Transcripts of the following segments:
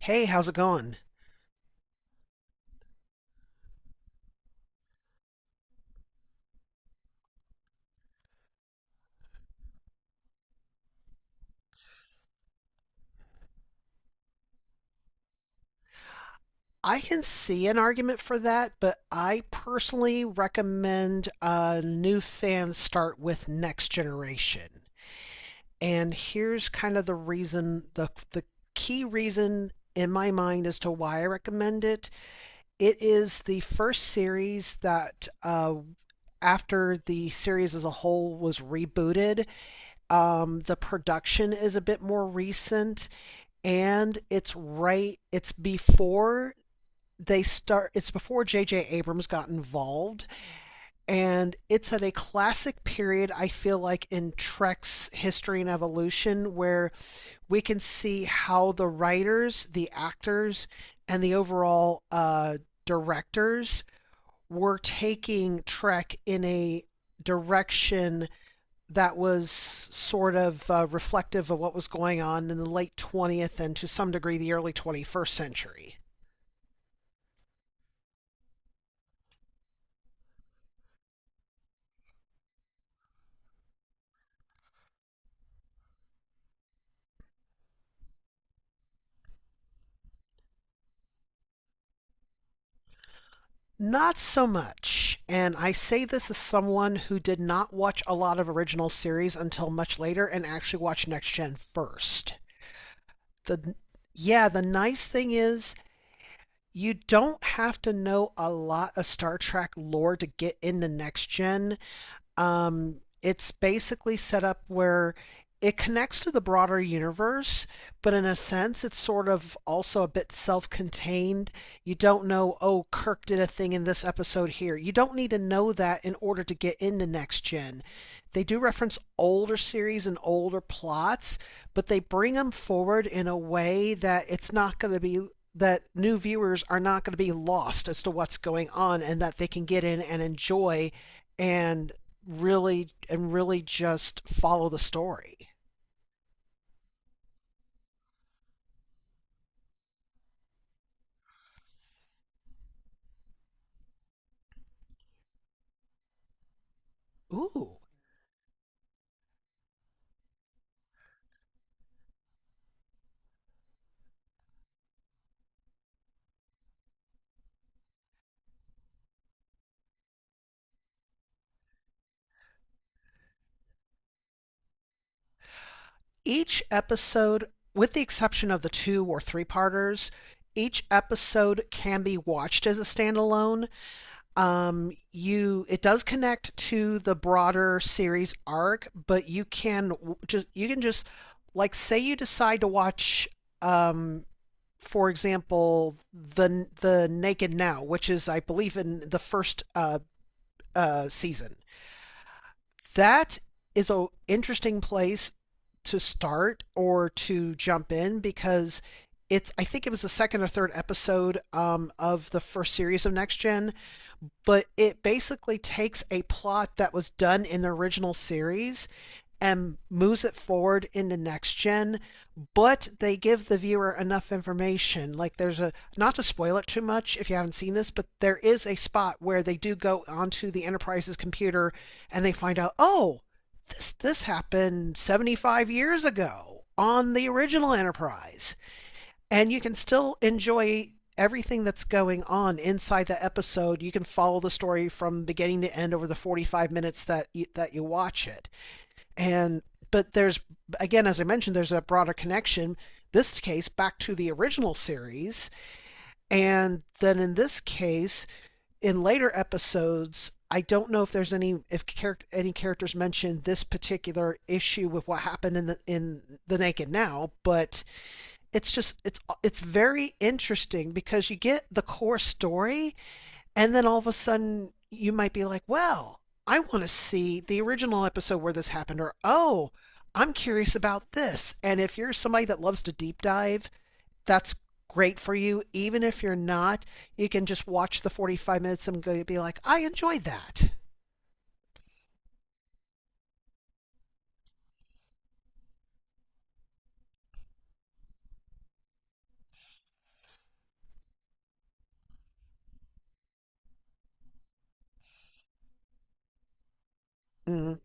Hey, how's it going? I can see an argument for that, but I personally recommend new fans start with Next Generation. And here's kind of the reason, the key reason in my mind as to why I recommend it. It is the first series that, after the series as a whole was rebooted, the production is a bit more recent and it's right, it's before they start it's before JJ Abrams got involved, and it's at a classic period I feel like in Trek's history and evolution where we can see how the writers, the actors, and the overall directors were taking Trek in a direction that was sort of reflective of what was going on in the late 20th and to some degree the early 21st century. Not so much. And I say this as someone who did not watch a lot of original series until much later and actually watched Next Gen first. The Yeah, the nice thing is you don't have to know a lot of Star Trek lore to get into Next Gen. um, it's basically set up where it connects to the broader universe, but in a sense, it's sort of also a bit self contained. You don't know, oh, Kirk did a thing in this episode here. You don't need to know that in order to get into Next Gen. They do reference older series and older plots, but they bring them forward in a way that it's not going to be that new viewers are not going to be lost as to what's going on and that they can get in and enjoy and really just follow the story. Ooh. Each episode, with the exception of the two or three parters, each episode can be watched as a standalone. You It does connect to the broader series arc, but you can just like say you decide to watch um for example the naked now, which is I believe in the first season that is a interesting place to start or to jump in because it's I think it was the second or third episode, of the first series of Next Gen, but it basically takes a plot that was done in the original series and moves it forward into Next Gen, but they give the viewer enough information. Like there's a not to spoil it too much if you haven't seen this, but there is a spot where they do go onto the Enterprise's computer and they find out, oh, this happened 75 years ago on the original Enterprise, and you can still enjoy everything that's going on inside that episode. You can follow the story from beginning to end over the 45 minutes that you watch it. And but there's again, as I mentioned, there's a broader connection. This case back to the original series, and then in this case, in later episodes, I don't know if there's any if character any characters mentioned this particular issue with what happened in the Naked Now, but it's just it's very interesting because you get the core story, and then all of a sudden you might be like, well, I want to see the original episode where this happened, or oh, I'm curious about this. And if you're somebody that loves to deep dive, that's great for you. Even if you're not, you can just watch the 45 minutes and go, be like, I enjoyed that. Mm.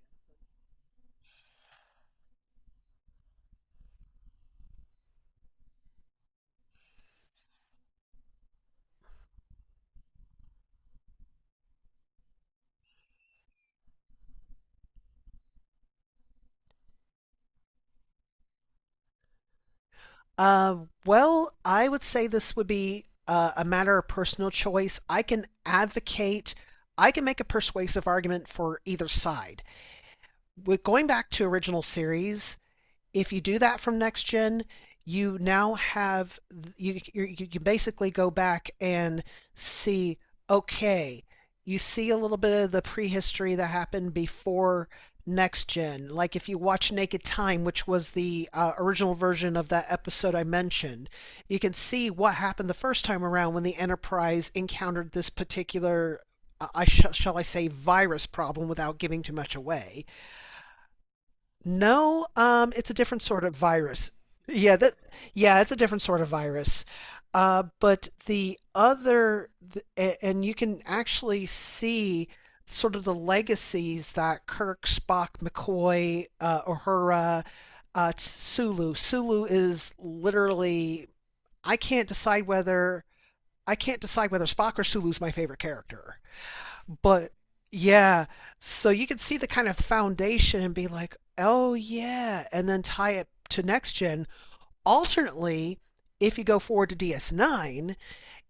Uh, well, I would say this would be a matter of personal choice. I can advocate, I can make a persuasive argument for either side. With going back to original series, if you do that from next gen, you now have you can basically go back and see okay, you see a little bit of the prehistory that happened before next gen. Like if you watch Naked Time, which was the original version of that episode I mentioned, you can see what happened the first time around when the Enterprise encountered this particular, shall I say, virus problem without giving too much away. No, it's a different sort of virus. Yeah, that yeah, it's a different sort of virus. But the other, and you can actually see sort of the legacies that Kirk, Spock, McCoy, Uhura, Sulu. Sulu is literally I can't decide whether I can't decide whether Spock or Sulu's my favorite character. But yeah, so you can see the kind of foundation and be like, oh yeah, and then tie it to next gen. Alternately, if you go forward to DS9,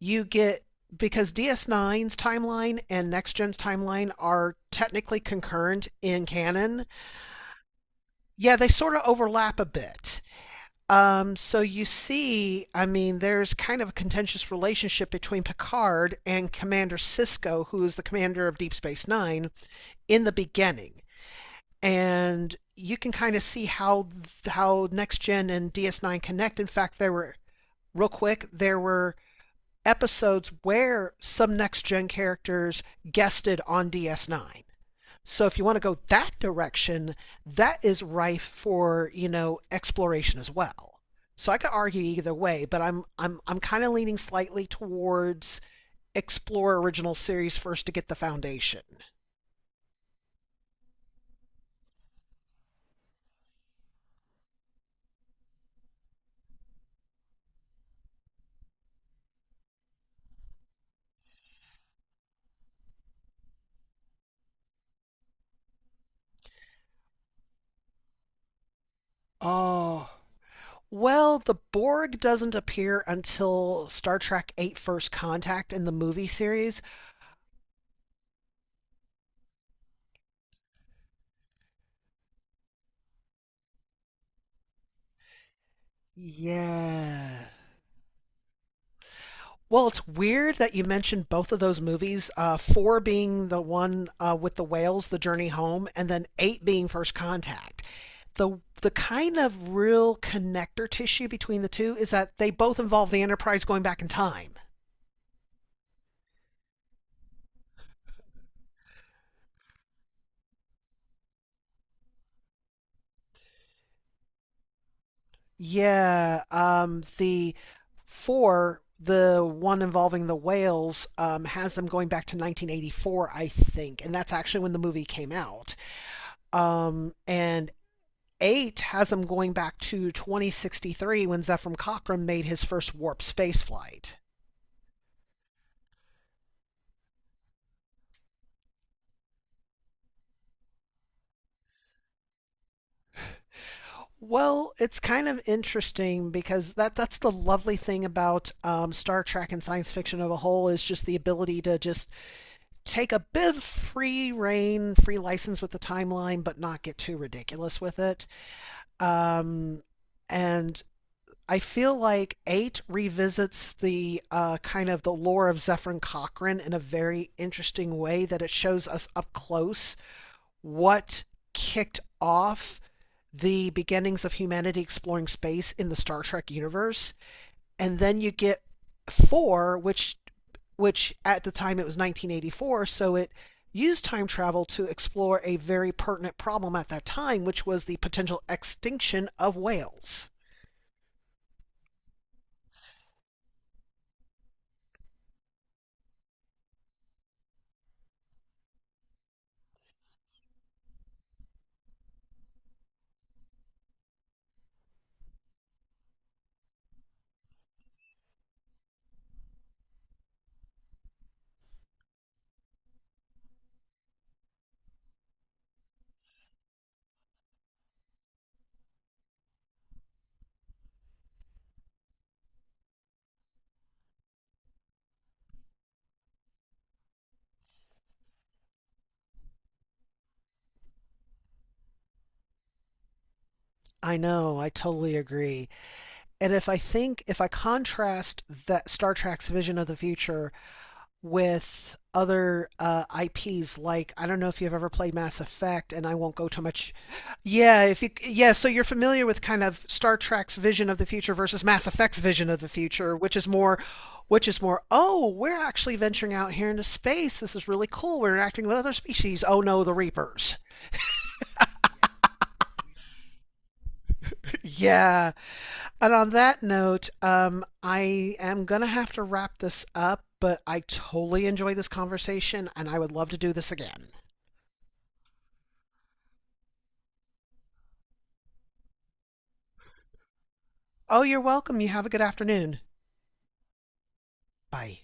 you get because ds Nine's timeline and next gen's timeline are technically concurrent in canon. Yeah, they sort of overlap a bit. So you see, I mean, there's kind of a contentious relationship between Picard and Commander Cisco, who is the commander of Deep Space Nine, in the beginning. And you can kind of see how next gen and DS9 connect. In fact, there were episodes where some next gen characters guested on DS9. So if you want to go that direction, that is rife for, you know, exploration as well. So I could argue either way, but I'm kind of leaning slightly towards explore original series first to get the foundation. Oh, well, the Borg doesn't appear until Star Trek 8: First Contact in the movie series. Yeah. Well, it's weird that you mentioned both of those movies, four being the one with the whales, The Journey Home, and then eight being First Contact. The kind of real connector tissue between the two is that they both involve the Enterprise going back in time. Yeah, the four, the one involving the whales, has them going back to 1984, I think, and that's actually when the movie came out. And Eight has them going back to 2063 when Zephram Cochrane made his first warp space flight. Well, it's kind of interesting because that's the lovely thing about Star Trek and science fiction of a whole is just the ability to just take a bit of free reign, free license with the timeline, but not get too ridiculous with it. Um, and I feel like eight revisits the kind of the lore of Zephyrin Cochrane in a very interesting way that it shows us up close what kicked off the beginnings of humanity exploring space in the Star Trek universe. And then you get four, which at the time it was 1984, so it used time travel to explore a very pertinent problem at that time, which was the potential extinction of whales. I know, I totally agree. And if I think, If I contrast that Star Trek's vision of the future with other IPs. Like I don't know if you've ever played Mass Effect, and I won't go too much. Yeah, if you yeah, so you're familiar with kind of Star Trek's vision of the future versus Mass Effect's vision of the future, which is more. Oh, we're actually venturing out here into space. This is really cool. We're interacting with other species. Oh no, the Reapers. Yeah. And on that note, I am gonna have to wrap this up. But I totally enjoyed this conversation and I would love to do this again. Oh, you're welcome. You have a good afternoon. Bye.